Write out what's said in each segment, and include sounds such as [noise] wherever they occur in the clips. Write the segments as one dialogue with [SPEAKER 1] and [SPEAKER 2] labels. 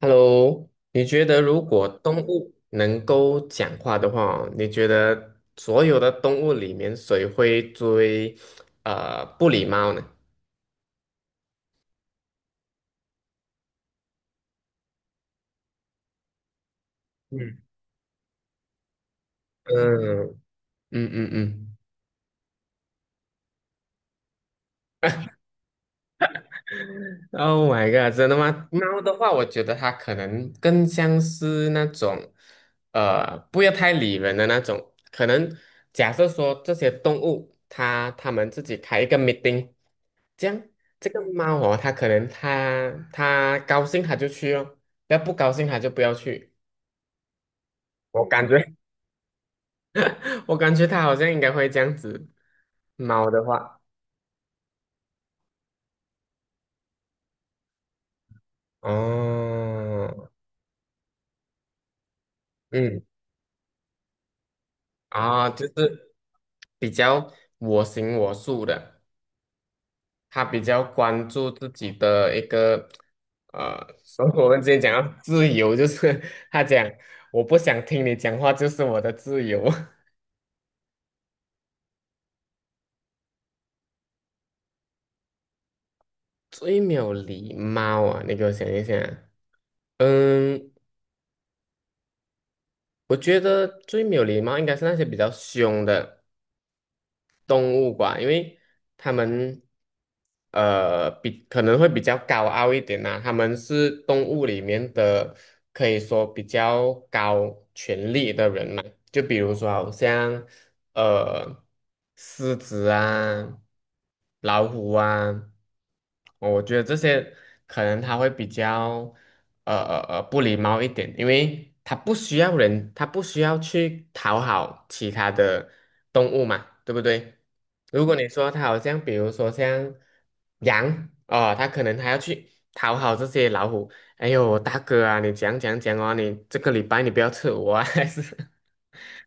[SPEAKER 1] Hello，你觉得如果动物能够讲话的话，你觉得所有的动物里面谁会最不礼貌呢？嗯，嗯嗯嗯嗯，Oh my god，真的吗？猫的话，我觉得它可能更像是那种不要太理人的那种。可能假设说这些动物，它们自己开一个 meeting。这样这个猫哦，它可能它高兴它就去哦，要不高兴它就不要去。我感觉 [laughs] 我感觉它好像应该会这样子。猫的话，哦，嗯，啊，就是比较我行我素的，它比较关注自己的一个呃，所以我们之前讲到自由，就是它讲我不想听你讲话，就是我的自由。[laughs] 最没有礼貌啊！你给我想一想，嗯，我觉得最没有礼貌应该是那些比较凶的动物吧，因为他们比可能会比较高傲一点呐、他们是动物里面的可以说比较高权力的人嘛，就比如说好像呃狮子啊、老虎啊。我觉得这些可能他会比较不礼貌一点，因为他不需要人，他不需要去讨好其他的动物嘛，对不对？如果你说他好像比如说像羊哦，他可能还要去讨好这些老虎，哎呦大哥啊，你讲讲讲啊，你这个礼拜你不要吃我啊，[laughs] 还是。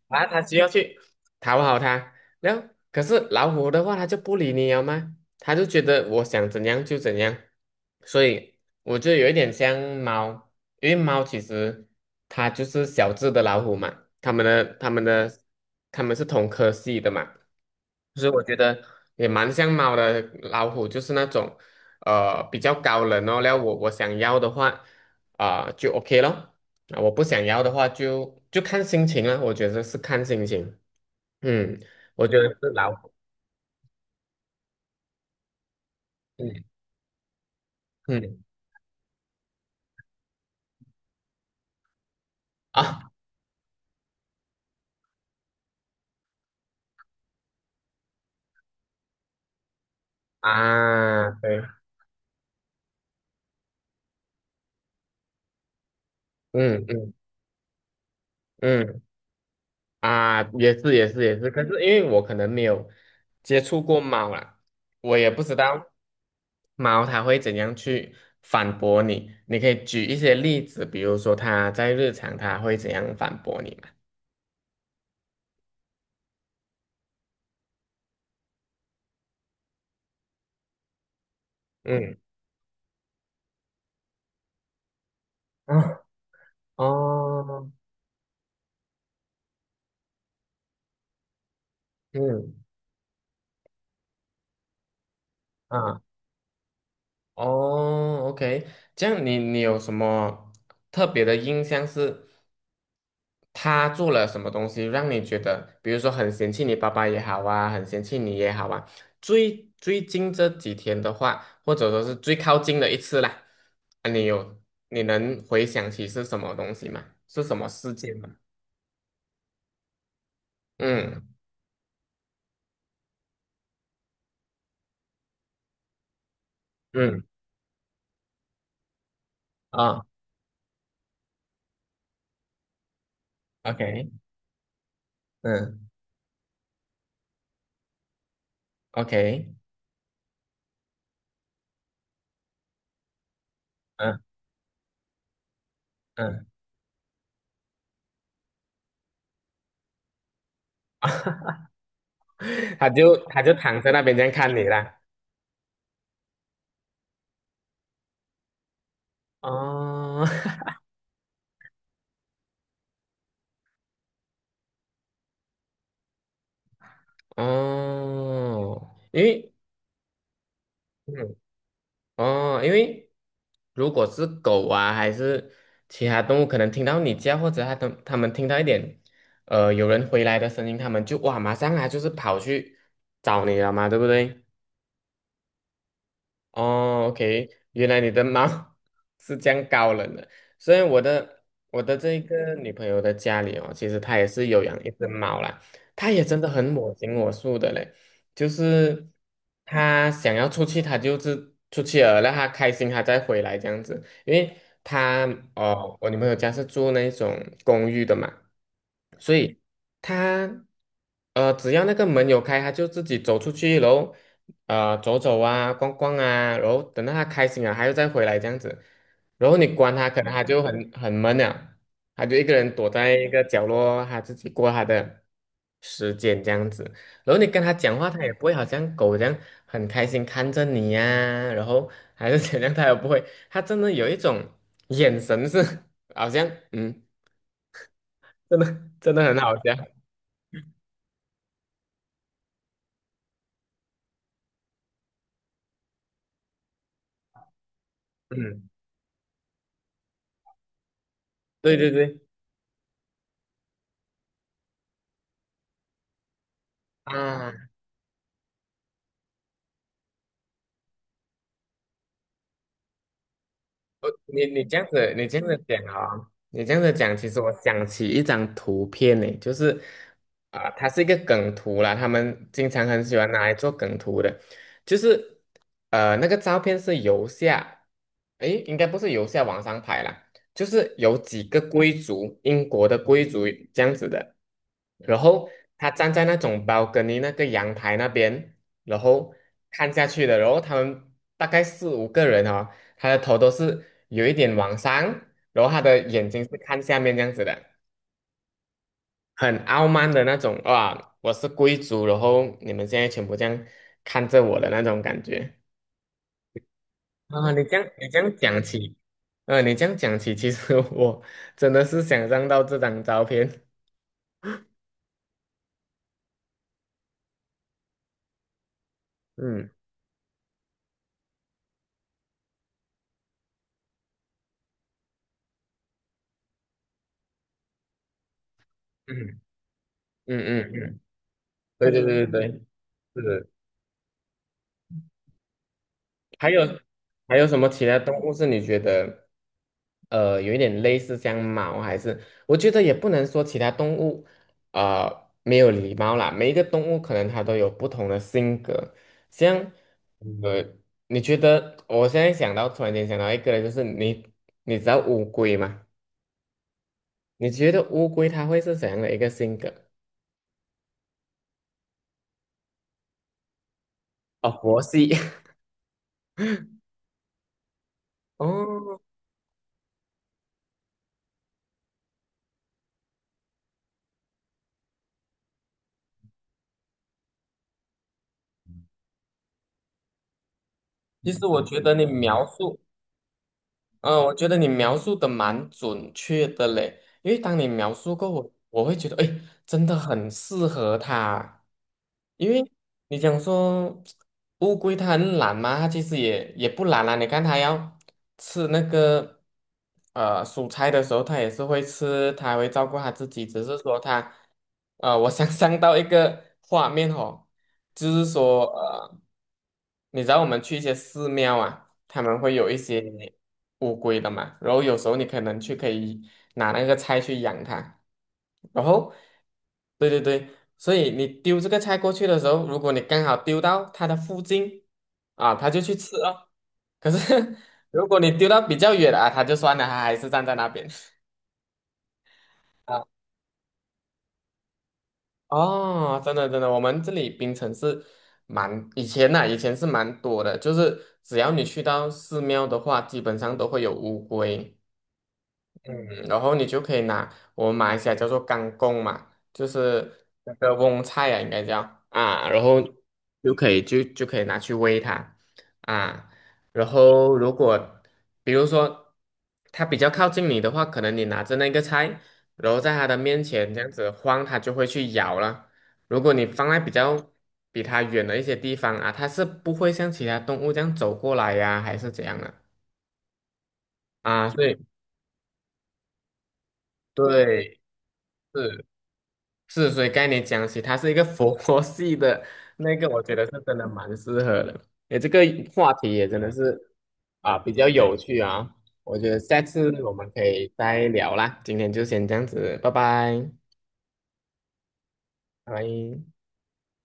[SPEAKER 1] 啊，他需要去讨好他，然后，可是老虎的话，他就不理你了吗？他就觉得我想怎样就怎样。所以我觉得有一点像猫，因为猫其实它就是小只的老虎嘛，它们的它们是同科系的嘛。就是我觉得也蛮像猫的，老虎就是那种比较高冷哦。然后我想要的话啊、就 OK 咯，啊我不想要的话就看心情了，我觉得是看心情。嗯，我觉得是老虎。嗯嗯啊 [laughs] 啊对，嗯嗯嗯。啊，也是也是也是，可是因为我可能没有接触过猫啦，我也不知道猫它会怎样去反驳你。你可以举一些例子，比如说它在日常它会怎样反驳你嘛？嗯啊哦嗯啊哦，OK，这样你你有什么特别的印象是他做了什么东西让你觉得，比如说很嫌弃你爸爸也好啊，很嫌弃你也好啊，最最近这几天的话，或者说是最靠近的一次啦，啊，你有你能回想起是什么东西吗？是什么事件吗？嗯嗯啊，OK，嗯，OK，嗯嗯，[laughs] 他就他就躺在那边这样看你啦。哦 [laughs] 哦，因为嗯哦，因为如果是狗啊，还是其他动物，可能听到你叫，或者它们听到一点，有人回来的声音，它们就哇，马上啊，就是跑去找你了嘛，对不对？哦，OK，原来你的猫 [laughs] 是这样高冷的，所以我的这个女朋友的家里哦，其实她也是有养一只猫啦，她也真的很我行我素的嘞，就是她想要出去，她就是出去了，让她开心，她再回来这样子，因为她哦，我女朋友家是住那种公寓的嘛，所以她只要那个门有开，她就自己走出去喽。然后走走啊、逛逛啊，然后等到他开心了，他又再回来这样子。然后你关他，可能他就很闷了，他就一个人躲在一个角落，他自己过他的时间这样子。然后你跟他讲话，他也不会好像狗这样很开心看着你呀、然后还是怎样，他也不会，他真的有一种眼神是 [laughs] 好像嗯，真的真的很好笑，嗯，对对对啊。你这样子，你这样子讲啊、你这样子讲，其实我想起一张图片呢，就是啊、它是一个梗图啦，他们经常很喜欢拿来做梗图的，就是那个照片是由下，诶，应该不是由下往上拍啦，就是有几个贵族，英国的贵族这样子的，然后他站在那种 balcony 那个阳台那边，然后看下去的，然后他们大概四五个人啊他的头都是有一点往上，然后他的眼睛是看下面这样子的，很傲慢的那种，哇，我是贵族，然后你们现在全部这样看着我的那种感觉。[laughs] 啊，你这样讲起，你这样讲起，其实 [laughs] 我真的是想象到这张照片，嗯嗯嗯嗯嗯，[laughs] 对对对对对，是。还有还有什么其他动物是你觉得有一点类似像猫？还是我觉得也不能说其他动物没有礼貌啦，每一个动物可能它都有不同的性格。像呃，你觉得我现在想到突然间想到一个，就是你你知道乌龟吗？你觉得乌龟它会是怎样的一个性格？哦，佛系。[laughs] 哦，其实我觉得你描述嗯，我觉得你描述的蛮准确的嘞，因为当你描述过我，我会觉得，哎，真的很适合他，因为你讲说乌龟它很懒嘛，它其实也不懒啦。你看它要吃那个蔬菜的时候，它也是会吃，它会照顾它自己。只是说它，我想象到一个画面哦，就是说你知道我们去一些寺庙啊，他们会有一些。乌龟的嘛，然后有时候你可能去可以拿那个菜去养它，然后，对对对，所以你丢这个菜过去的时候，如果你刚好丢到它的附近，啊，它就去吃哦。可是 [laughs] 如果你丢到比较远啊，它就算了，它还是站在那边。啊，哦，真的真的，我们这里槟城是蛮以前呐、以前是蛮多的，就是只要你去到寺庙的话，基本上都会有乌龟。嗯，然后你就可以拿我们马来西亚叫做干贡嘛，就是那个翁菜啊，应该叫啊，然后就可以拿去喂它啊，然后如果比如说它比较靠近你的话，可能你拿着那个菜，然后在它的面前这样子晃，它就会去咬了。如果你放在比较比它远的一些地方啊，它是不会像其他动物这样走过来呀、还是怎样的啊，所以对。是。是，所以概念讲起，它是一个佛 [laughs] 系的那个，我觉得是真的蛮适合的。诶，这个话题也真的是啊，比较有趣啊。我觉得下次我们可以再聊啦。今天就先这样子，拜拜，拜拜。